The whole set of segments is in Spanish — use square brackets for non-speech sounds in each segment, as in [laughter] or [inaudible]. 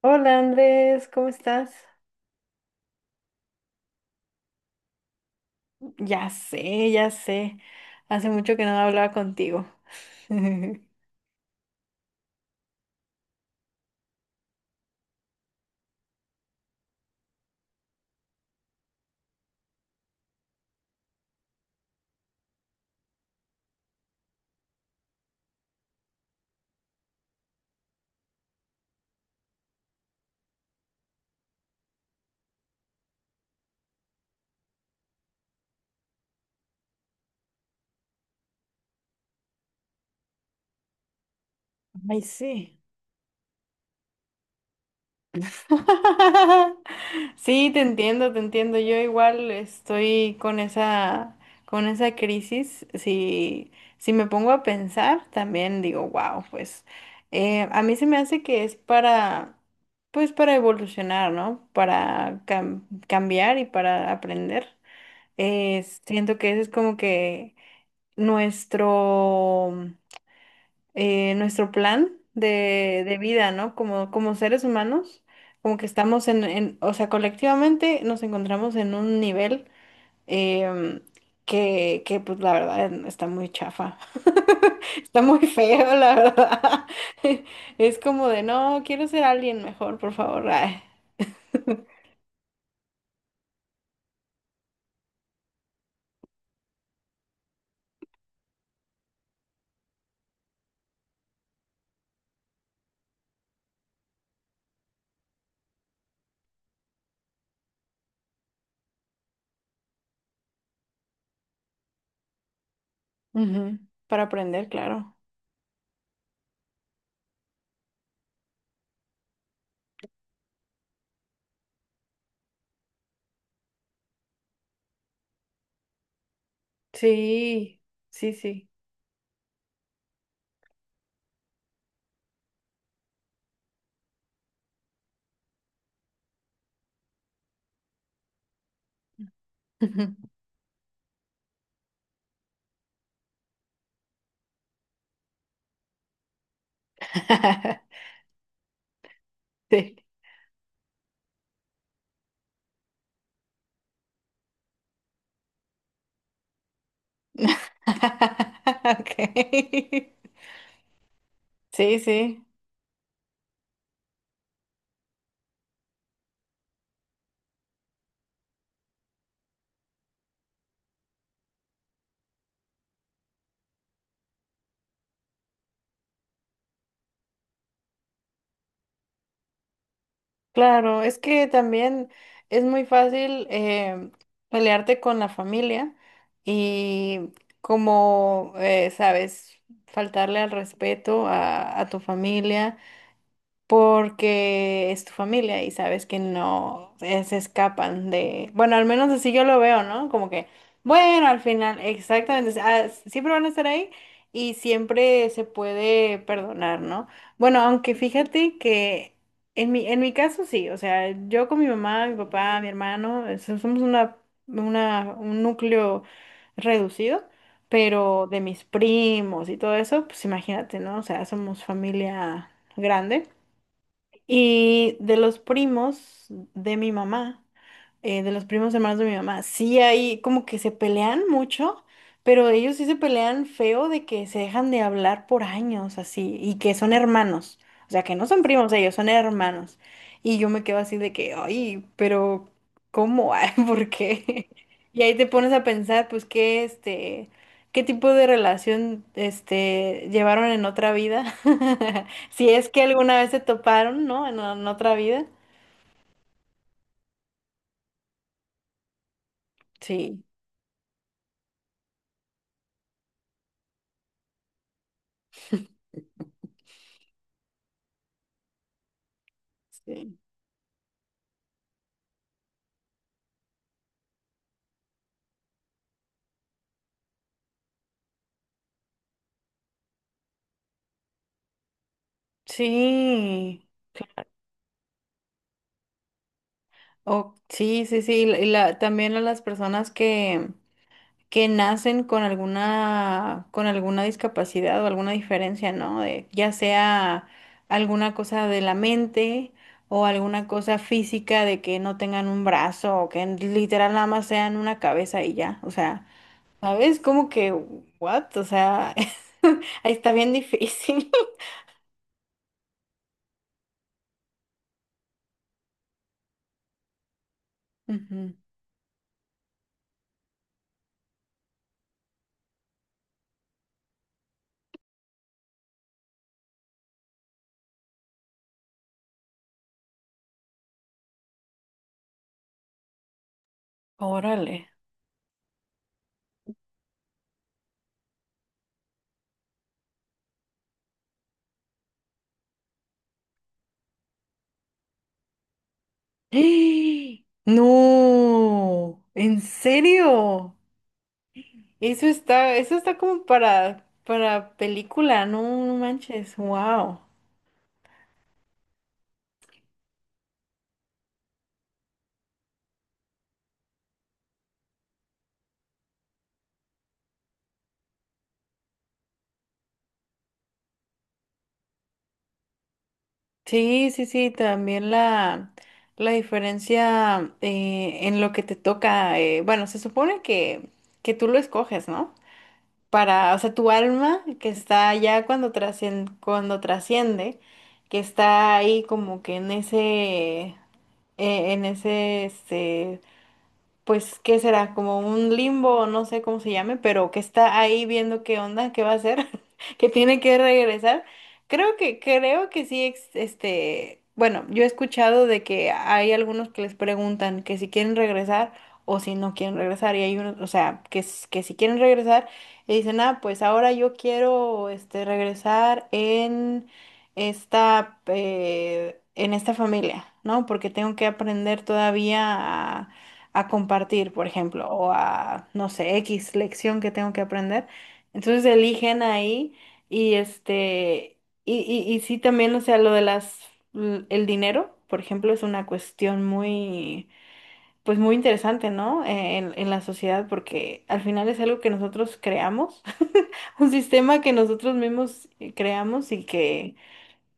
Hola Andrés, ¿cómo estás? Ya sé, ya sé. Hace mucho que no hablaba contigo. [laughs] Ay, sí. [laughs] Sí, te entiendo, te entiendo. Yo igual estoy con esa crisis. Si, si me pongo a pensar, también digo, wow, pues a mí se me hace que es para, pues para evolucionar, ¿no? Para cambiar y para aprender. Siento que eso es como que nuestro, nuestro plan de vida, ¿no? Como, como seres humanos, como que estamos en, o sea, colectivamente nos encontramos en un nivel em, que, pues la verdad está muy chafa, [laughs] está muy feo, la verdad. [laughs] Es como de, no, quiero ser alguien mejor, por favor. Ay. Ujú. Para aprender, claro. Sí, sí, sí. [laughs] [laughs] Sí. [laughs] Okay. Sí, sí, claro, es que también es muy fácil pelearte con la familia y como, sabes, faltarle al respeto a tu familia. Porque es tu familia y sabes que no se escapan de, bueno, al menos así yo lo veo, ¿no? Como que, bueno, al final, exactamente, siempre van a estar ahí y siempre se puede perdonar, ¿no? Bueno, aunque fíjate que en mi caso sí, o sea, yo con mi mamá, mi papá, mi hermano, somos una, un núcleo reducido. Pero de mis primos y todo eso, pues imagínate, ¿no? O sea, somos familia grande. Y de los primos de mi mamá, de los primos hermanos de mi mamá, sí hay como que se pelean mucho, pero ellos sí se pelean feo de que se dejan de hablar por años así y que son hermanos, o sea, que no son primos ellos, son hermanos. Y yo me quedo así de que, ay, pero ¿cómo? [laughs] Ay, ¿por qué? Y ahí te pones a pensar, pues, qué este, qué tipo de relación este llevaron en otra vida. [laughs] Si es que alguna vez se toparon, ¿no? En otra vida. Sí. Sí. Sí, o sí, sí, sí. Y la, también a las personas que nacen con alguna discapacidad o alguna diferencia, ¿no? De, ya sea alguna cosa de la mente o alguna cosa física de que no tengan un brazo o que literal nada más sean una cabeza y ya. O sea, ¿sabes? Como que, what? O sea, [laughs] ahí está bien difícil. [laughs] Ujú. Órale. ¡Ah! No, ¿en serio? Eso está como para película, no, no manches, wow. Sí, sí, sí, también la diferencia en lo que te toca, bueno, se supone que tú lo escoges, ¿no? Para, o sea, tu alma que está ya cuando trasciende, que está ahí como que en ese, este, pues, ¿qué será? Como un limbo, no sé cómo se llame, pero que está ahí viendo qué onda, qué va a hacer, [laughs] que tiene que regresar. Creo que sí, este, bueno, yo he escuchado de que hay algunos que les preguntan que si quieren regresar o si no quieren regresar, y hay unos, o sea, que, que si quieren regresar, y dicen, ah, pues ahora yo quiero, este, regresar en esta familia, ¿no? Porque tengo que aprender todavía a compartir, por ejemplo, o a, no sé, X lección que tengo que aprender. Entonces eligen ahí y este, y sí también, o sea, lo de las, el dinero, por ejemplo, es una cuestión muy, pues muy interesante, ¿no? En la sociedad, porque al final es algo que nosotros creamos, [laughs] un sistema que nosotros mismos creamos y que,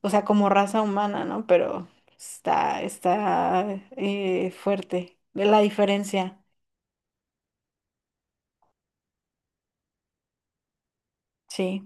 o sea, como raza humana, ¿no? Pero está, está fuerte la diferencia, sí.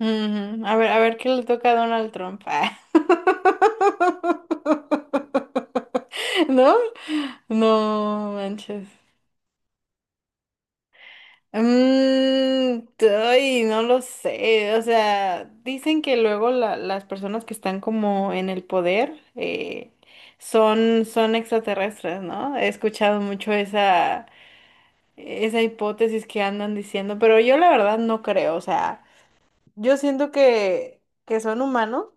Ujú. A ver qué le toca a Donald Trump. Ah, [laughs] ¿no? No manches. Mm, ay, no lo sé. O sea, dicen que luego las personas que están como en el poder son, son extraterrestres, ¿no? He escuchado mucho esa, esa hipótesis que andan diciendo, pero yo la verdad no creo. O sea, yo siento que son humanos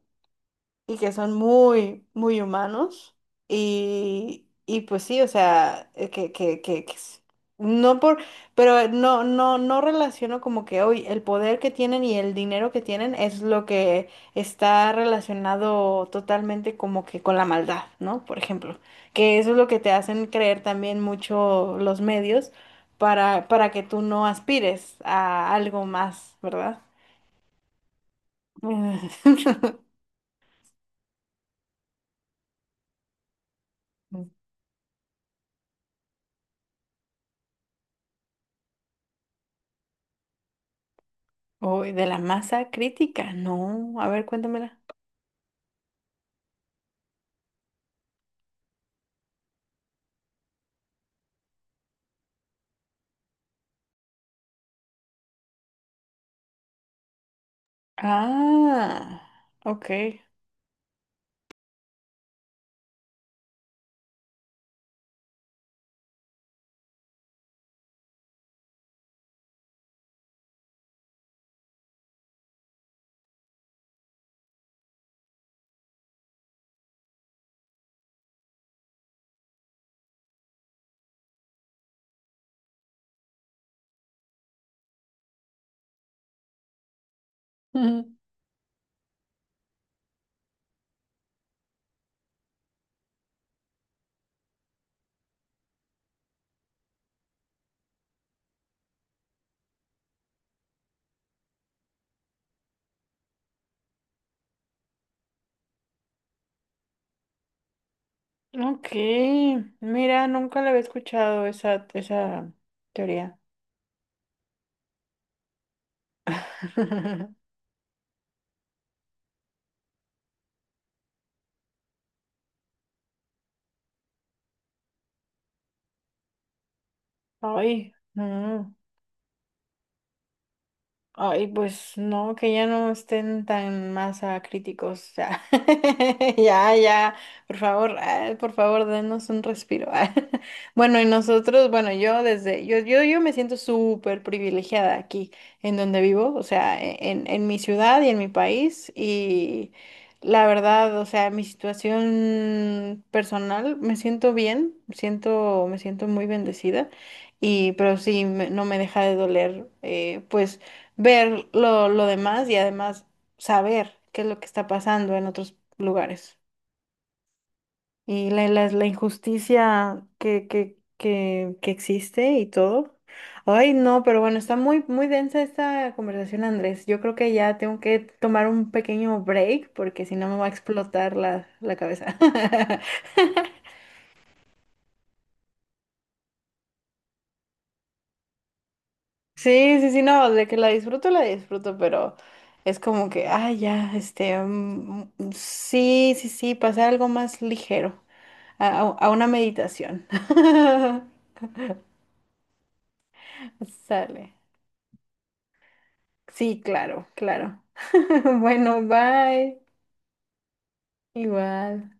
y que son muy, muy humanos. Y pues sí, o sea, no por, pero no, no, no relaciono como que hoy el poder que tienen y el dinero que tienen es lo que está relacionado totalmente como que con la maldad, ¿no? Por ejemplo, que eso es lo que te hacen creer también mucho los medios para que tú no aspires a algo más, ¿verdad? [laughs] Uy, de la masa crítica. No, a ver, cuéntamela. Ah, ok. Ujú. Ok. Mira, nunca la había escuchado esa, esa teoría. [laughs] Ay, no. Ay, pues no, que ya no estén tan masa críticos. O [laughs] ya, ya, por favor, ah, por favor, denos un respiro. Ah. [laughs] Bueno, y nosotros, bueno, yo desde, yo me siento súper privilegiada aquí en donde vivo, o sea, en mi ciudad y en mi país. Y la verdad, o sea, mi situación personal, me siento bien, siento, me siento muy bendecida. Y, pero sí, no me deja de doler, pues ver lo demás y además saber qué es lo que está pasando en otros lugares. Y la injusticia que existe y todo. Ay, no, pero bueno, está muy, muy densa esta conversación, Andrés. Yo creo que ya tengo que tomar un pequeño break porque si no me va a explotar la, la cabeza. [laughs] Sí, sí, sí, no, de que la disfruto, pero es como que, ay, ya, este, sí, sí, sí, pasar algo más ligero. A, a una meditación. [laughs] Sale. Sí, claro, claro. [laughs] Bueno, bye. Igual.